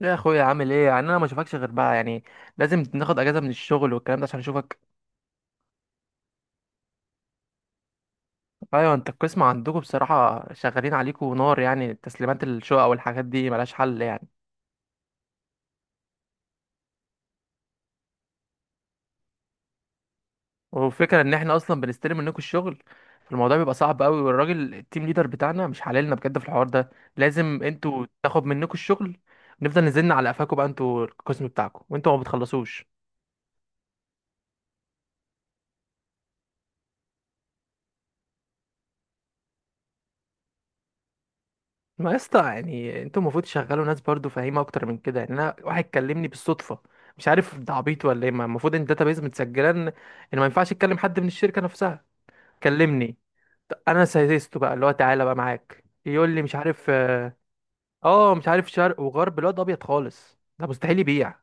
يا اخويا عامل ايه يعني، انا ما اشوفكش غير بقى يعني. لازم ناخد اجازه من الشغل والكلام ده عشان اشوفك. ايوه انت القسم عندكم بصراحه شغالين عليكم نار يعني، تسليمات الشقق والحاجات دي ملهاش حل يعني. والفكره ان احنا اصلا بنستلم منكم الشغل، فالموضوع بيبقى صعب قوي. والراجل التيم ليدر بتاعنا مش حللنا بجد في الحوار ده، لازم انتوا تاخد منكم الشغل. نفضل نزلنا على قفاكم بقى، انتوا القسم بتاعكم وانتوا ما بتخلصوش. ما يا اسطى يعني انتوا المفروض تشغلوا ناس برضو فاهمه اكتر من كده يعني. انا واحد كلمني بالصدفه مش عارف ده عبيط ولا ايه، ما المفروض ان الداتابيز متسجله ان ما ينفعش اتكلم حد من الشركه نفسها. كلمني، انا سايسته بقى اللي هو تعالى بقى معاك، يقول لي مش عارف اه. مش عارف شرق وغرب، الواد ابيض خالص، ده مستحيل يبيع.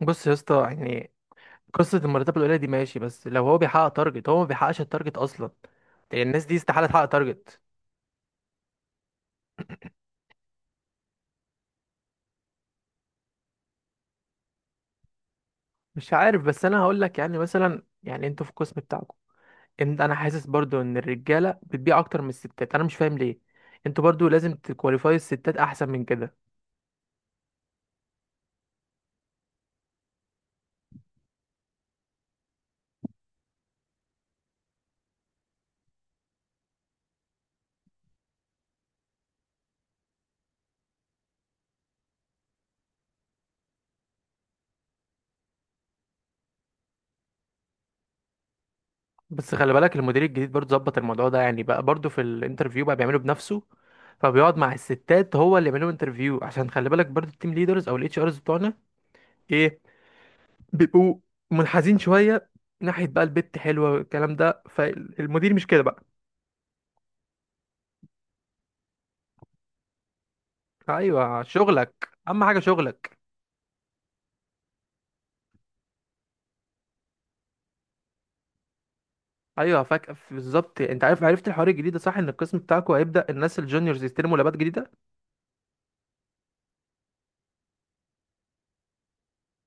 بص يا اسطى يعني، قصه المرتبات القليله دي ماشي، بس لو هو بيحقق تارجت. هو ما بيحققش التارجت اصلا يعني، الناس دي استحاله تحقق تارجت. مش عارف، بس انا هقول لك يعني مثلا يعني، انتوا في القسم بتاعكم، ان انا حاسس برضو ان الرجاله بتبيع اكتر من الستات، انا مش فاهم ليه. انتوا برضو لازم تكواليفاي الستات احسن من كده. بس خلي بالك المدير الجديد برضو ظبط الموضوع ده يعني، بقى برضو في الانترفيو بقى بيعمله بنفسه، فبيقعد مع الستات هو اللي يعمل لهم انترفيو. عشان خلي بالك برضو التيم ليدرز او الاتش ارز بتوعنا ايه، بيبقوا منحازين شويه ناحيه بقى البت حلوه والكلام ده. فالمدير مش كده بقى. ايوه، شغلك اهم حاجه، شغلك. ايوه فاك، بالظبط. انت عارف عرفت الحوار الجديد ده صح؟ ان القسم بتاعكم هيبدا الناس الجونيورز يستلموا لابات جديده.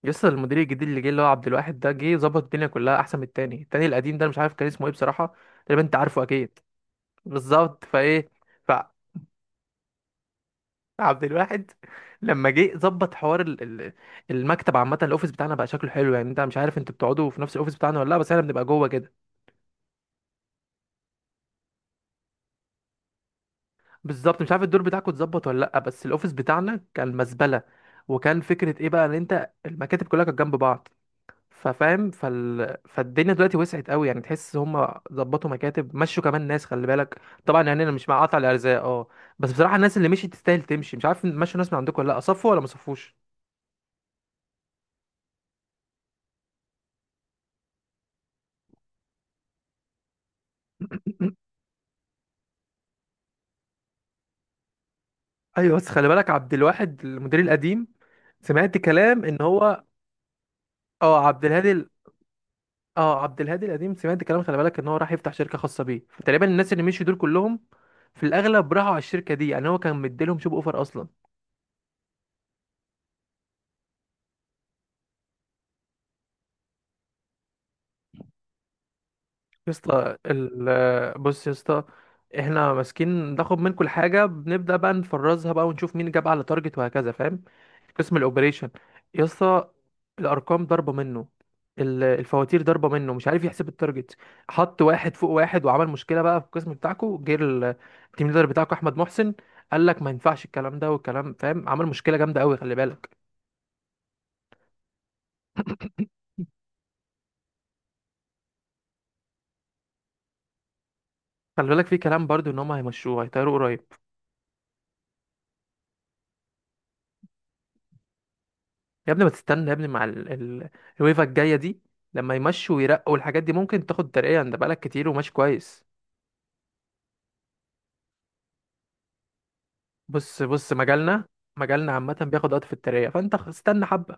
يسطا المدير الجديد اللي جه اللي هو عبد الواحد ده جه ظبط الدنيا كلها احسن من التاني القديم ده. أنا مش عارف كان اسمه ايه بصراحه، تقريبا انت عارفه اكيد. بالظبط، فايه فعبد الواحد لما جه ظبط حوار المكتب عامه، الاوفيس بتاعنا بقى شكله حلو يعني. انت مش عارف انتوا بتقعدوا في نفس الاوفيس بتاعنا ولا لا؟ بس احنا بنبقى جوه كده. بالظبط، مش عارف الدور بتاعكم اتظبط ولا لا، بس الاوفيس بتاعنا كان مزبله. وكان فكره ايه بقى ان انت المكاتب كلها كانت جنب بعض. ففاهم، فالدنيا دلوقتي وسعت قوي يعني، تحس هم ظبطوا مكاتب، مشوا كمان ناس. خلي بالك طبعا يعني انا مش مع قطع الارزاق، اه. بس بصراحه الناس اللي مشيت تستاهل تمشي. مش عارف مشوا ناس من عندكم ولا لا، صفوا ولا ما صفوش. ايوه بس خلي بالك عبد الواحد المدير القديم، سمعت كلام ان هو، اه عبد الهادي اه عبد الهادي القديم، سمعت كلام خلي بالك ان هو راح يفتح شركه خاصه بيه. فتقريبا الناس اللي مشوا دول كلهم في الاغلب راحوا على الشركه دي يعني، هو كان مديلهم شوب اوفر اصلا. يا اسطى بص يا اسطى، احنا ماسكين ناخد من كل حاجه، بنبدا بقى نفرزها بقى ونشوف مين جاب على تارجت وهكذا، فاهم. قسم الاوبريشن يا اسطى، الارقام ضربه منه، الفواتير ضربه منه، مش عارف يحسب التارجت، حط واحد فوق واحد وعمل مشكله بقى في القسم بتاعكو. جه التيم ليدر بتاعكو احمد محسن، قال لك ما ينفعش الكلام ده والكلام، فاهم، عمل مشكله جامده قوي، خلي بالك. خلي بالك في كلام برضو ان هم هيمشوه، هيطيروا قريب. يا ابني ما تستنى يا ابني، مع الويفا الجايه دي، لما يمشوا ويرقوا الحاجات دي ممكن تاخد ترقية، انت بقالك كتير وماشي كويس. بص، مجالنا، مجالنا عامة بياخد وقت في الترقية، فانت استنى حبة.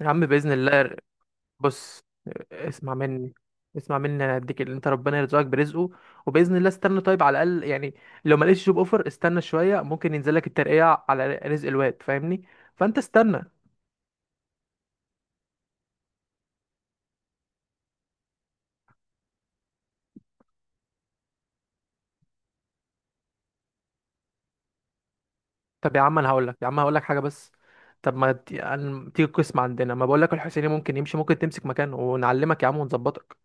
يا عم بإذن الله. بص، اسمع مني، اسمع مني، انا هديك، اللي انت ربنا يرزقك برزقه، وبإذن الله استنى طيب على الأقل يعني. لو ما لقيتش جوب اوفر استنى شوية، ممكن ينزل لك الترقية على رزق الواد فاهمني. فانت استنى. طب يا عم انا هقول لك، يا عم هقول لك حاجه بس، طب ما ت- يعني تيجي القسم عندنا، ما بقول لك الحسيني ممكن يمشي، ممكن تمسك مكانه ونعلمك يا عم ونظبطك.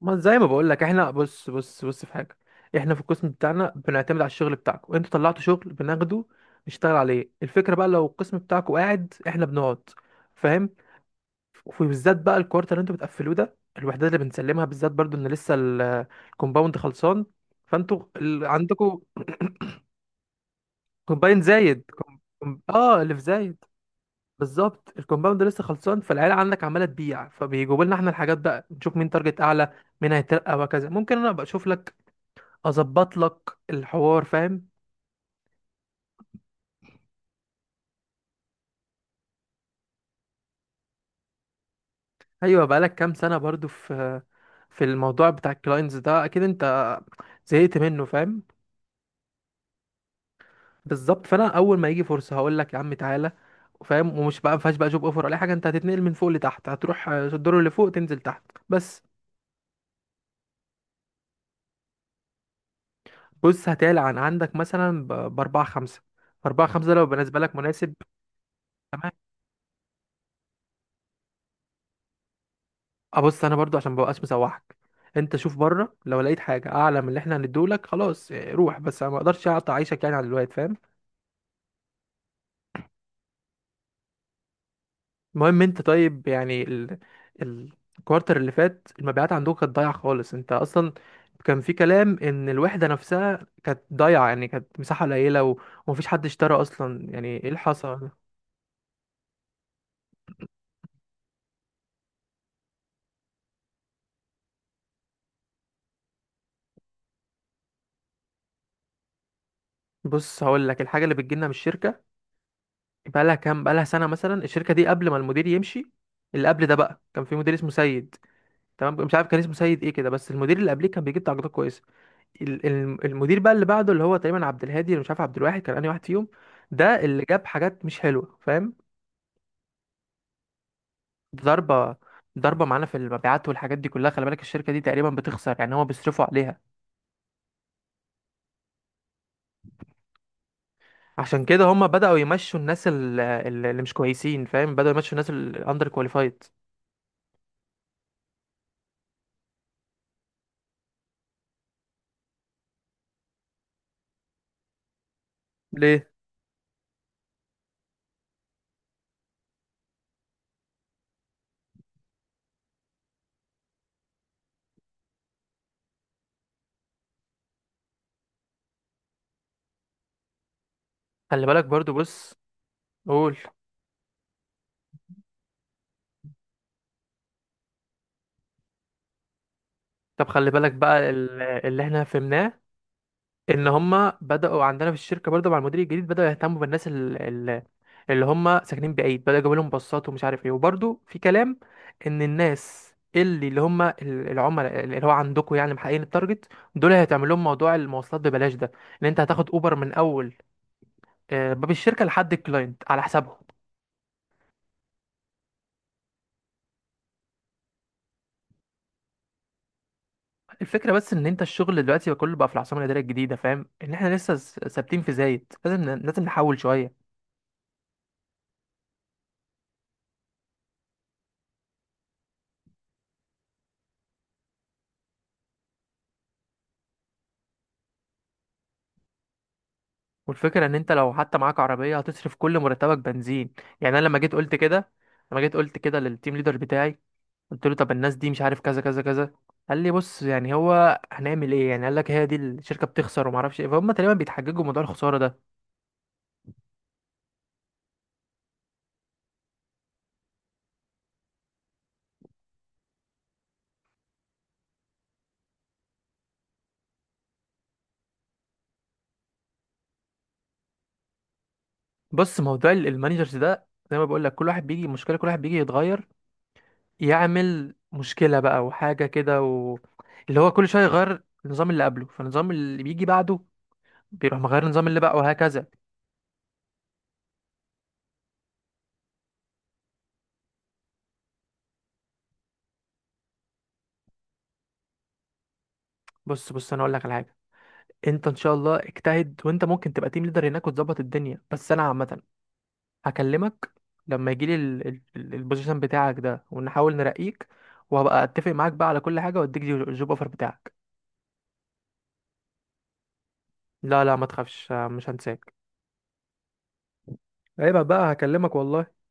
ما زي ما بقول لك، احنا بص، في حاجه، احنا في القسم بتاعنا بنعتمد على الشغل بتاعكم، انتوا طلعتوا شغل بناخده نشتغل عليه. الفكره بقى لو القسم بتاعكم قاعد، احنا بنقعد، فاهم. وبالذات بقى الكوارتر اللي انتوا بتقفلوه ده، الوحدات اللي بنسلمها بالذات برضو، ان لسه الكومباوند خلصان. فانتوا عندكم كومباين زايد، اه اللي في زايد. بالظبط، الكومباوند لسه خلصان، فالعيله عندك عماله تبيع، فبيجيبوا لنا احنا الحاجات بقى، نشوف مين تارجت اعلى، مين هيترقى وهكذا. ممكن انا ابقى اشوف لك، اظبط لك الحوار فاهم. ايوه، بقالك كام سنه برضو في في الموضوع بتاع الكلاينتس ده، اكيد انت زهقت منه فاهم. بالظبط، فانا اول ما يجي فرصه هقول لك يا عم تعالى، فاهم، ومش بقى ما فيهاش بقى جوب اوفر ولا أي حاجه، انت هتتنقل من فوق لتحت. هتروح، الدور اللي فوق تنزل تحت بس. بص، هتعلى عن عندك مثلا باربعة خمسة. 4 5 لو بالنسبة لك مناسب. ابص، انا برضو عشان مبقاش مسوحك، انت شوف بره لو لقيت حاجه اعلى من اللي احنا هنديهولك خلاص روح. بس انا ما اقدرش اقطع عيشك يعني على الوقت، فاهم. المهم انت طيب يعني ال- الكوارتر اللي فات المبيعات عندكم كانت ضايعه خالص. انت اصلا كان في كلام ان الوحده نفسها كانت ضايعه يعني، كانت مساحه قليله ومفيش حد اشترى اصلا يعني. ايه اللي حصل؟ بص هقول لك، الحاجه اللي بتجيلنا من الشركه بقى لها كام، بقى لها سنه مثلا الشركه دي. قبل ما المدير يمشي، اللي قبل ده بقى كان في مدير اسمه سيد. تمام، مش عارف كان اسمه سيد ايه كده، بس المدير اللي قبليه كان بيجيب درجات كويسه. المدير بقى اللي بعده اللي هو تقريبا عبد الهادي، اللي مش عارف عبد الواحد كان انهي واحد فيهم، ده اللي جاب حاجات مش حلوه فاهم. ضربه، ضربه معانا في المبيعات والحاجات دي كلها. خلي بالك الشركه دي تقريبا بتخسر يعني، هما بيصرفوا عليها. عشان كده هما بداوا يمشوا الناس اللي مش كويسين، فاهم، بداوا يمشوا الناس الاندر كواليفايد. ليه؟ خلي بالك برضو، بص. قول. طب خلي بالك بقى اللي احنا فهمناه، ان هم بداوا عندنا في الشركه برضه مع المدير الجديد، بداوا يهتموا بالناس ال- اللي هم ساكنين بعيد، بداوا يجيبوا لهم باصات ومش عارف ايه. وبرضه في كلام ان الناس اللي هم العملاء اللي هو عندكم يعني محققين التارجت، دول هيتعمل لهم موضوع المواصلات ببلاش ده، ان انت هتاخد اوبر من اول باب الشركه لحد الكلاينت على حسابهم. الفكره بس ان انت الشغل دلوقتي بقى كله بقى في العاصمه الاداريه الجديده، فاهم، ان احنا لسه ثابتين في زايد، لازم لازم نحول شويه. والفكرة ان انت لو حتى معاك عربية هتصرف كل مرتبك بنزين. يعني انا لما جيت قلت كده، لما جيت قلت كده للتيم ليدر بتاعي، قلت له طب الناس دي مش عارف كذا كذا كذا. قال لي بص يعني هو هنعمل ايه يعني، قال لك هي دي الشركة بتخسر وما اعرفش ايه. فهم تقريبا بيتحججوا موضوع الخسارة ده. بص موضوع المانجرز ده زي ما بقول لك، كل واحد بيجي مشكلة، كل واحد بيجي يتغير يعمل مشكلة بقى وحاجة كده اللي هو كل شوية يغير النظام اللي قبله، فالنظام اللي بيجي بعده بيروح مغير النظام اللي بقى، وهكذا. بص، انا اقول لك على حاجة. انت ان شاء الله اجتهد وانت ممكن تبقى تيم ليدر هناك وتظبط الدنيا، بس انا عامه هكلمك لما يجيلي البوزيشن بتاعك ده، ونحاول نرقيك، وهبقى اتفق معاك بقى على كل حاجه واديك الجوب اوفر بتاعك. لا لا ما تخافش، مش هنساك. عيب بقى، هكلمك والله.